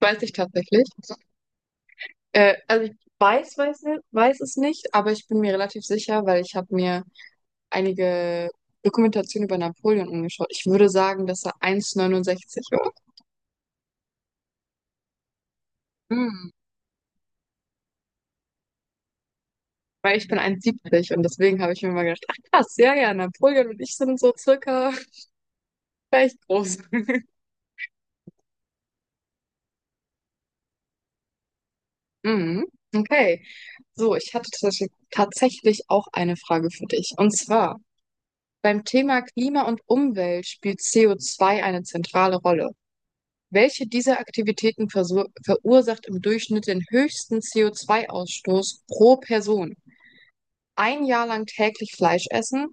Weiß ich tatsächlich. Also ich weiß es nicht, aber ich bin mir relativ sicher, weil ich habe mir einige Dokumentationen über Napoleon angeschaut. Ich würde sagen, dass er eins Komma neunundsechzig war. Hm. Weil ich bin eins Komma siebzig und deswegen habe ich mir mal gedacht, ach krass, ja, ja, Napoleon und ich sind so circa gleich groß. Mhm. Okay, so, ich hatte tatsächlich auch eine Frage für dich. Und zwar, beim Thema Klima und Umwelt spielt co zwei eine zentrale Rolle. Welche dieser Aktivitäten verursacht im Durchschnitt den höchsten CO2-Ausstoß pro Person? Ein Jahr lang täglich Fleisch essen,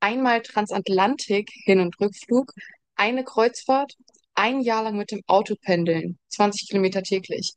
einmal Transatlantik Hin- und Rückflug, eine Kreuzfahrt, ein Jahr lang mit dem Auto pendeln, 20 Kilometer täglich.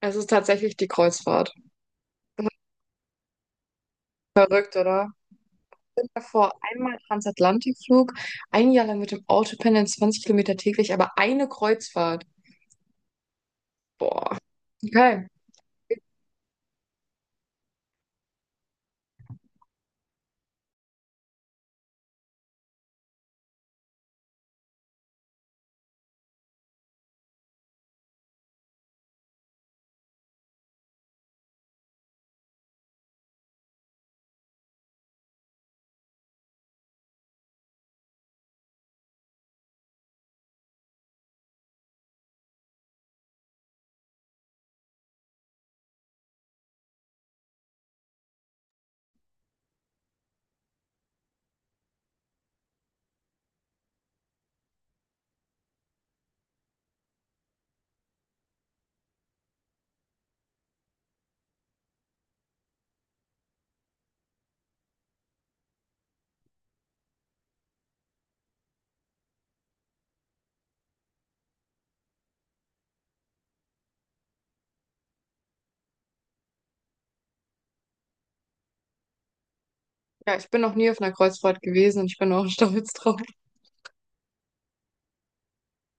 Es ist tatsächlich die Kreuzfahrt. Verrückt, oder? Davor einmal Transatlantikflug, ein Jahr lang mit dem Auto pendeln, 20 Kilometer täglich, aber eine Kreuzfahrt. Boah. Okay. Ja, ich bin noch nie auf einer Kreuzfahrt gewesen und ich bin auch stolz drauf.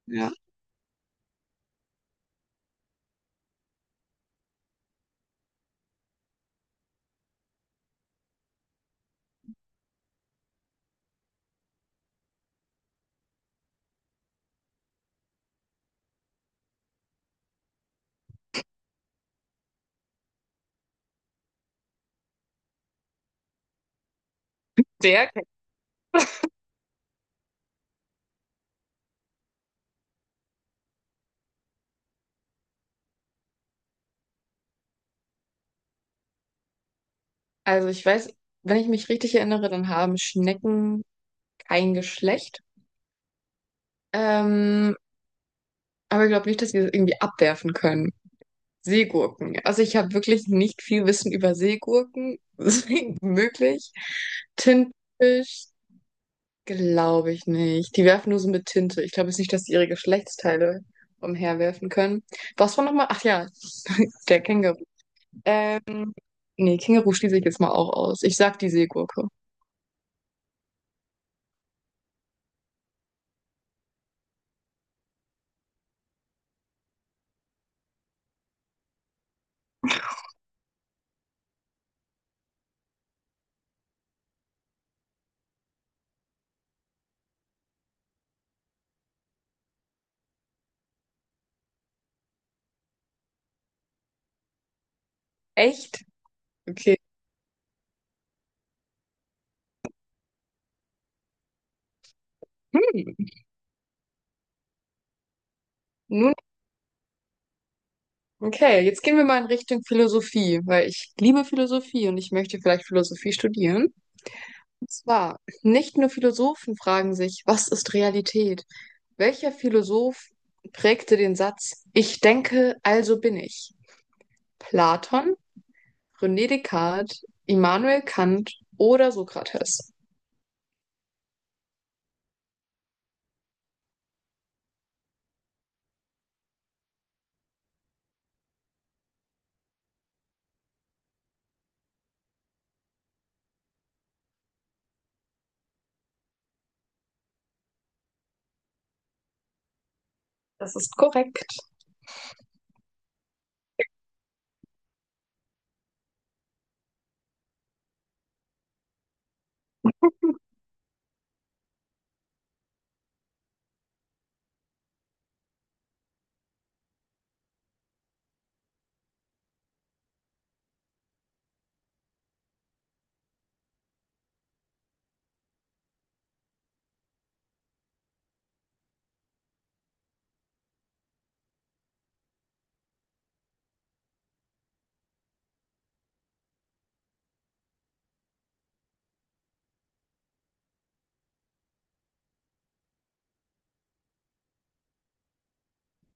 Ja, sehr. Also ich weiß, wenn ich mich richtig erinnere, dann haben Schnecken kein Geschlecht. Ähm, aber ich glaube nicht, dass wir das irgendwie abwerfen können. Seegurken. Also ich habe wirklich nicht viel Wissen über Seegurken. Deswegen möglich. Tintenfisch, glaube ich nicht. Die werfen nur so mit Tinte. Ich glaube jetzt nicht, dass die ihre Geschlechtsteile umherwerfen können. Was war nochmal? Ach ja, der Känguru. Ähm, Nee, Känguru schließe ich jetzt mal auch aus. Ich sag die Seegurke. Echt? Okay. Hm. Nun, okay, jetzt gehen wir mal in Richtung Philosophie, weil ich liebe Philosophie und ich möchte vielleicht Philosophie studieren. Und zwar, nicht nur Philosophen fragen sich, was ist Realität? Welcher Philosoph prägte den Satz, ich denke, also bin ich? Platon, René Descartes, Immanuel Kant oder Sokrates? Das ist korrekt.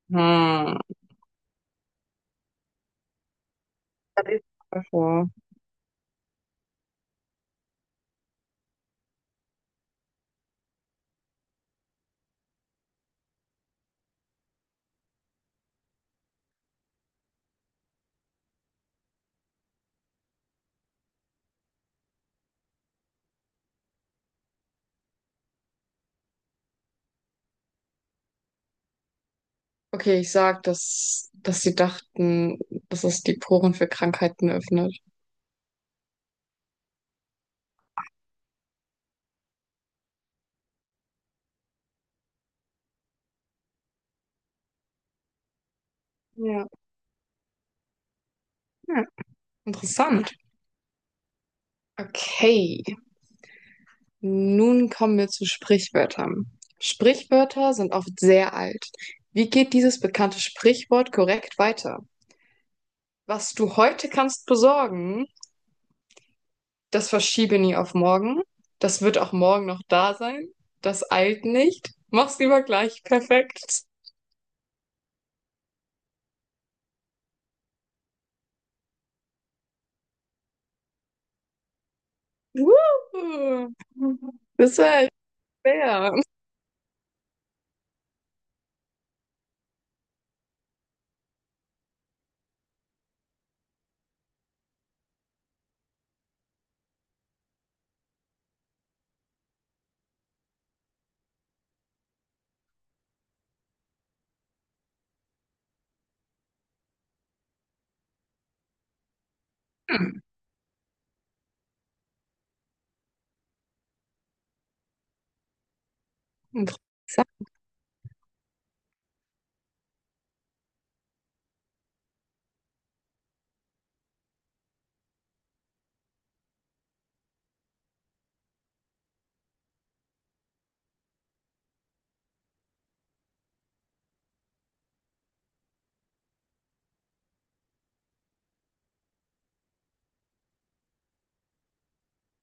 Hm. Da lese ich mal vor. Okay, ich sag, dass sie dachten, dass es die Poren für Krankheiten öffnet. Ja. Ja. Interessant. Okay, nun kommen wir zu Sprichwörtern. Sprichwörter sind oft sehr alt. Wie geht dieses bekannte Sprichwort korrekt weiter? Was du heute kannst besorgen, das verschiebe nie auf morgen. Das wird auch morgen noch da sein. Das eilt nicht. Mach's lieber gleich perfekt. Wuhu. Das war echt schwer. Ich sag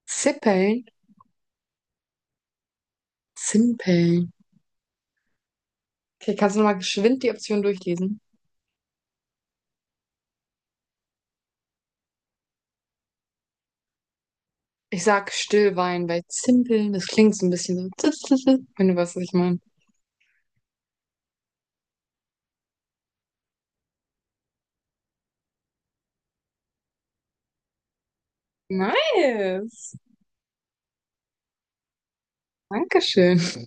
Zippeln. Zimpeln. Okay, kannst du nochmal geschwind die Option durchlesen? Ich sag Stillwein, weil Zimpeln, das klingt so ein bisschen so, wenn du weißt, was ich meine. Nice. Dankeschön.